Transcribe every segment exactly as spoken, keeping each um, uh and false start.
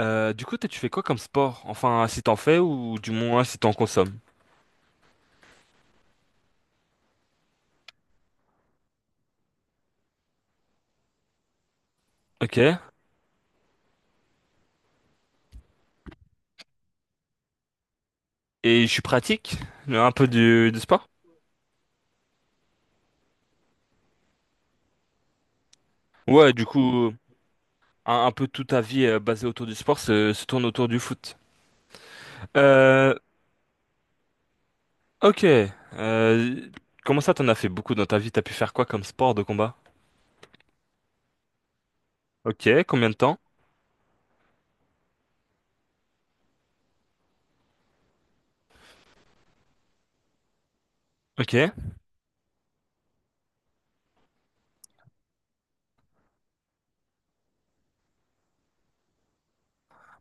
Euh, du coup, toi, tu fais quoi comme sport? Enfin, si t'en fais ou du moins si t'en consommes. Ok. Et je suis pratique? euh, Un peu du, du sport? Ouais, du coup, un, un peu toute ta vie euh, basée autour du sport se, se tourne autour du foot. Euh, ok. Euh, comment ça, t'en as fait beaucoup dans ta vie? T'as pu faire quoi comme sport de combat? Ok, combien de temps? Ok.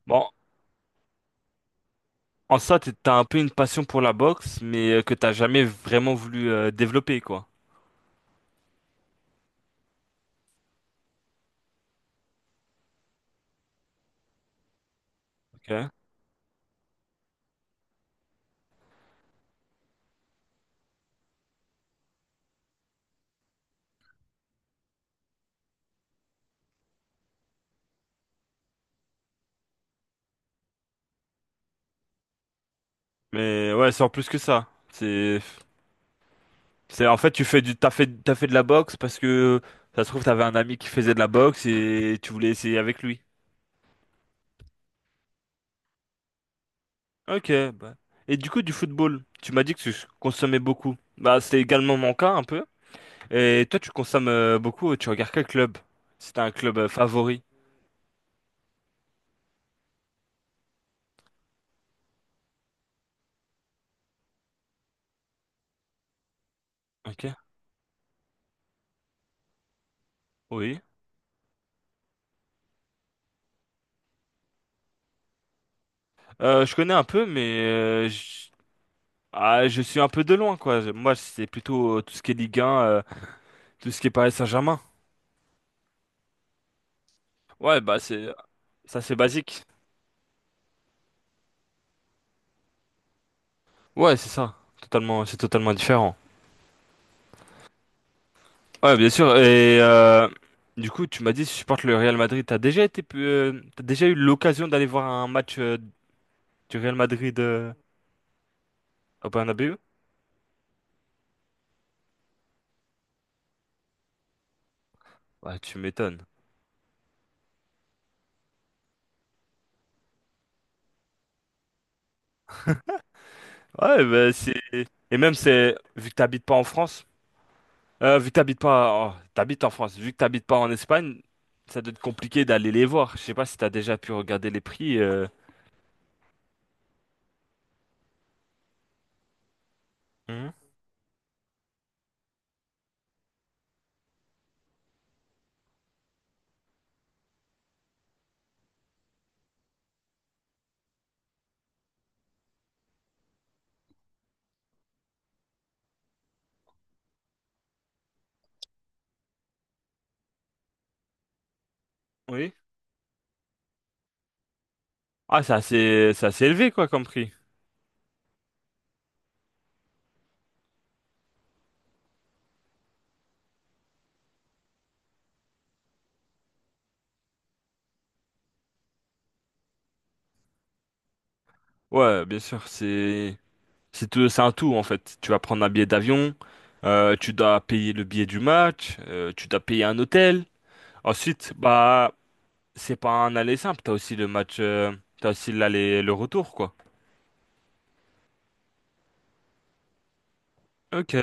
Bon, en ça, t'es- t'as un peu une passion pour la boxe, mais euh, que t'as jamais vraiment voulu euh, développer, quoi. Ok. Mais ouais, c'est en plus que ça. C'est C'est en fait tu fais du t'as fait t'as fait de la boxe parce que ça se trouve t'avais un ami qui faisait de la boxe et tu voulais essayer avec lui. Ok, bah. Et du coup du football, tu m'as dit que tu consommais beaucoup. Bah, c'est également mon cas un peu. Et toi tu consommes euh, beaucoup. Tu regardes quel club? C'est un club euh, favori. Ok. Oui. Euh, je connais un peu mais euh, je... ah, je suis un peu de loin quoi. Je- Moi c'est plutôt euh, tout ce qui est Ligue un, euh, tout ce qui est Paris Saint-Germain. Ouais bah c'est ça, c'est basique. Ouais c'est ça. Totalement, c'est totalement différent. Ouais, bien sûr. Et euh, du coup, tu m'as dit, si tu supportes le Real Madrid. T'as déjà été, euh, t'as déjà eu l'occasion d'aller voir un match euh, du Real Madrid euh, au Bernabéu? Ouais, tu m'étonnes. Ouais, bah, c'est et même c'est vu que t'habites pas en France, euh, vu que t'habites pas, oh, t'habites en France, vu que t'habites pas en Espagne, ça doit être compliqué d'aller les voir. Je sais pas si t'as déjà pu regarder les prix, euh. Mhm. Oui. Ah, c'est assez, c'est assez élevé quoi comme prix. Ouais, bien sûr, c'est. C'est tout- c'est un tout en fait. Tu vas prendre un billet d'avion, euh, tu dois payer le billet du match, euh, tu dois payer un hôtel. Ensuite, bah c'est pas un aller simple, t'as aussi le match, euh, t'as aussi l'aller, le retour quoi. Ok.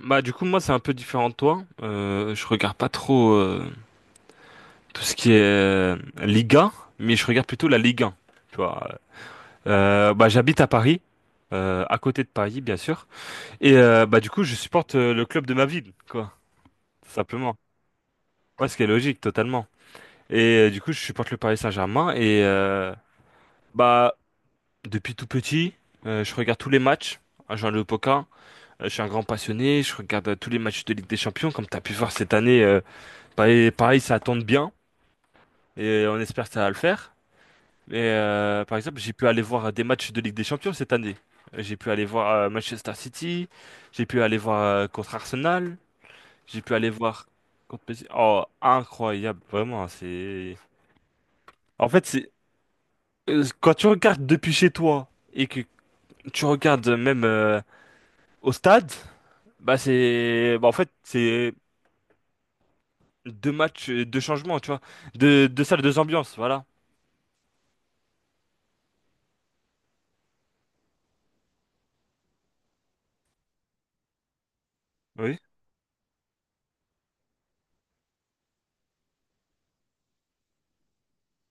Bah du coup moi c'est un peu différent de toi. Euh, je regarde pas trop euh, tout ce qui est euh, Liga, mais je regarde plutôt la Ligue un. Tu vois. Euh, bah j'habite à Paris, euh, à côté de Paris bien sûr, et euh, bah du coup je supporte euh, le club de ma ville quoi, tout simplement. Ouais, ce qui est logique totalement. Et euh, du coup, je supporte le Paris Saint-Germain. Et euh, bah, depuis tout petit, euh, je regarde tous les matchs. À Jean Le Poquin, Euh, je suis un grand passionné. Je regarde euh, tous les matchs de Ligue des Champions. Comme tu as pu voir cette année, euh, pareil, pareil, ça tombe bien. Et euh, on espère que ça va le faire. Et euh, par exemple, j'ai pu aller voir des matchs de Ligue des Champions cette année. Euh, J'ai pu aller voir euh, Manchester City. J'ai pu aller voir euh, contre Arsenal. J'ai pu aller voir contre P S G. Oh, incroyable, vraiment. C'est. En fait, c'est euh, quand tu regardes depuis chez toi et que tu regardes même euh, au stade, bah c'est bah en fait c'est deux matchs, euh, deux changements, tu vois, deux, deux salles, deux ambiances, voilà. Oui,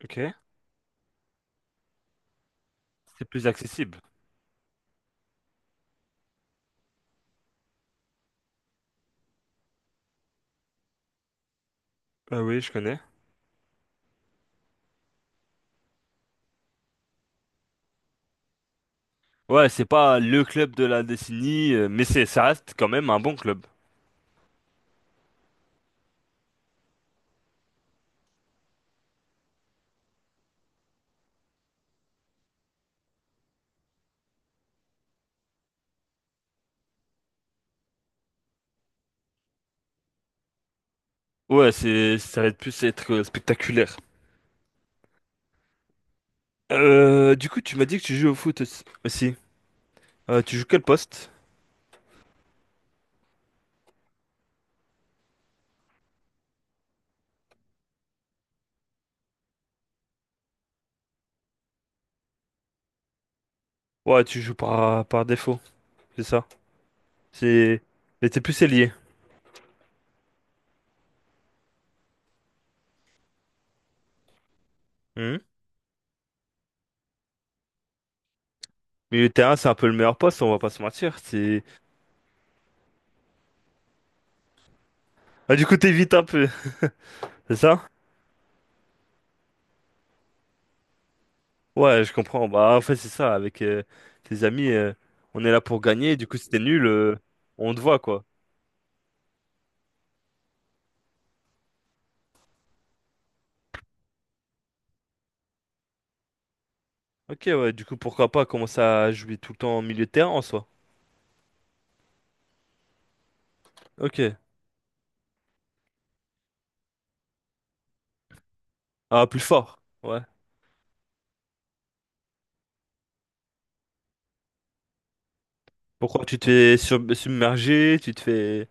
ok. C'est plus accessible. Ah oui, je connais. Ouais, c'est pas le club de la décennie, euh, mais c'est ça reste quand même un bon club. Ouais, c'est ça va être plus être euh, spectaculaire. Euh, du coup, tu m'as dit que tu joues au foot aussi. aussi. Euh, tu joues quel poste? Ouais, tu joues par par défaut, c'est ça. C'est mais t'es plus ailier. Mhm. Milieu de terrain, c'est un peu le meilleur poste, on va pas se mentir. C'est... Ah, du coup, t'évites un peu, c'est ça? Ouais, je comprends. Bah, en fait, c'est ça. Avec euh, tes amis, euh, on est là pour gagner. Du coup, si t'es nul, euh, on te voit, quoi. Ok, ouais, du coup, pourquoi pas commencer à jouer tout le temps en milieu de terrain en soi? Ok. Ah, plus fort. Ouais. Pourquoi tu te fais sur- submerger, tu te fais...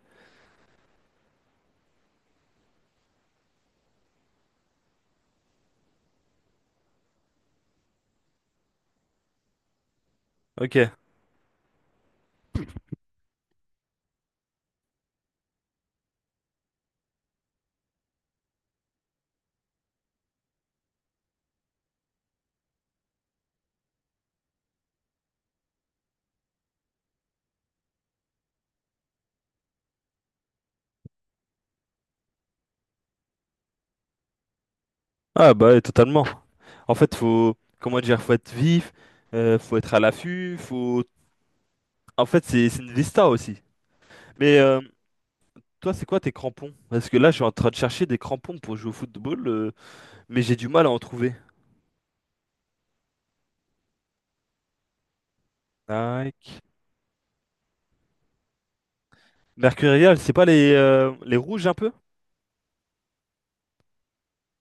Ok. Ah, bah, ouais, totalement. En fait, faut... Comment dire? Faut être vif, euh, faut être à l'affût, faut... En fait, c'est c'est une vista aussi. Mais... euh, Toi, c'est quoi tes crampons? Parce que là, je suis en train de chercher des crampons pour jouer au football, euh, mais j'ai du mal à en trouver. Nike. Mercurial, c'est pas les, euh, les rouges un peu?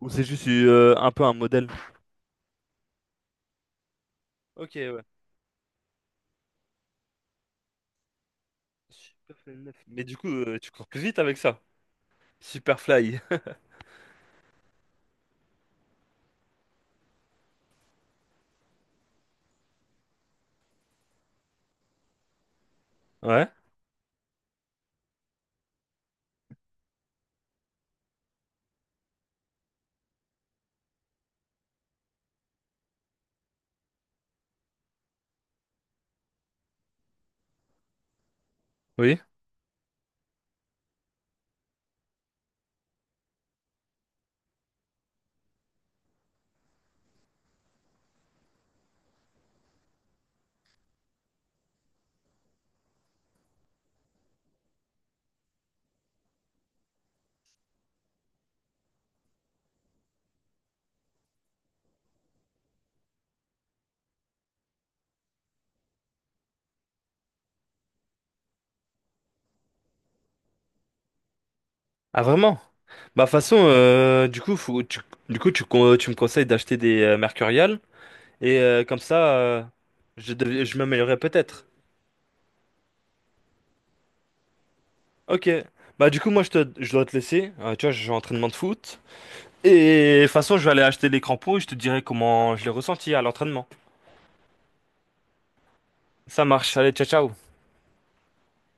Ou c'est juste euh, un peu un modèle? Ok, ouais. Superfly neuf. Mais du coup, euh, tu cours plus vite avec ça. Superfly. Ouais, oui. Ah, vraiment? Bah, de toute façon, euh, du coup, faut, tu, du coup tu, con- tu me conseilles d'acheter des euh, Mercurial. Et euh, comme ça, euh, je, dev- je m'améliorerai peut-être. Ok. Bah du coup moi je te je dois te laisser. Euh, tu vois, j'ai entraînement de foot. Et de toute façon, je vais aller acheter les crampons et je te dirai comment je l'ai ressenti à l'entraînement. Ça marche, allez, ciao ciao.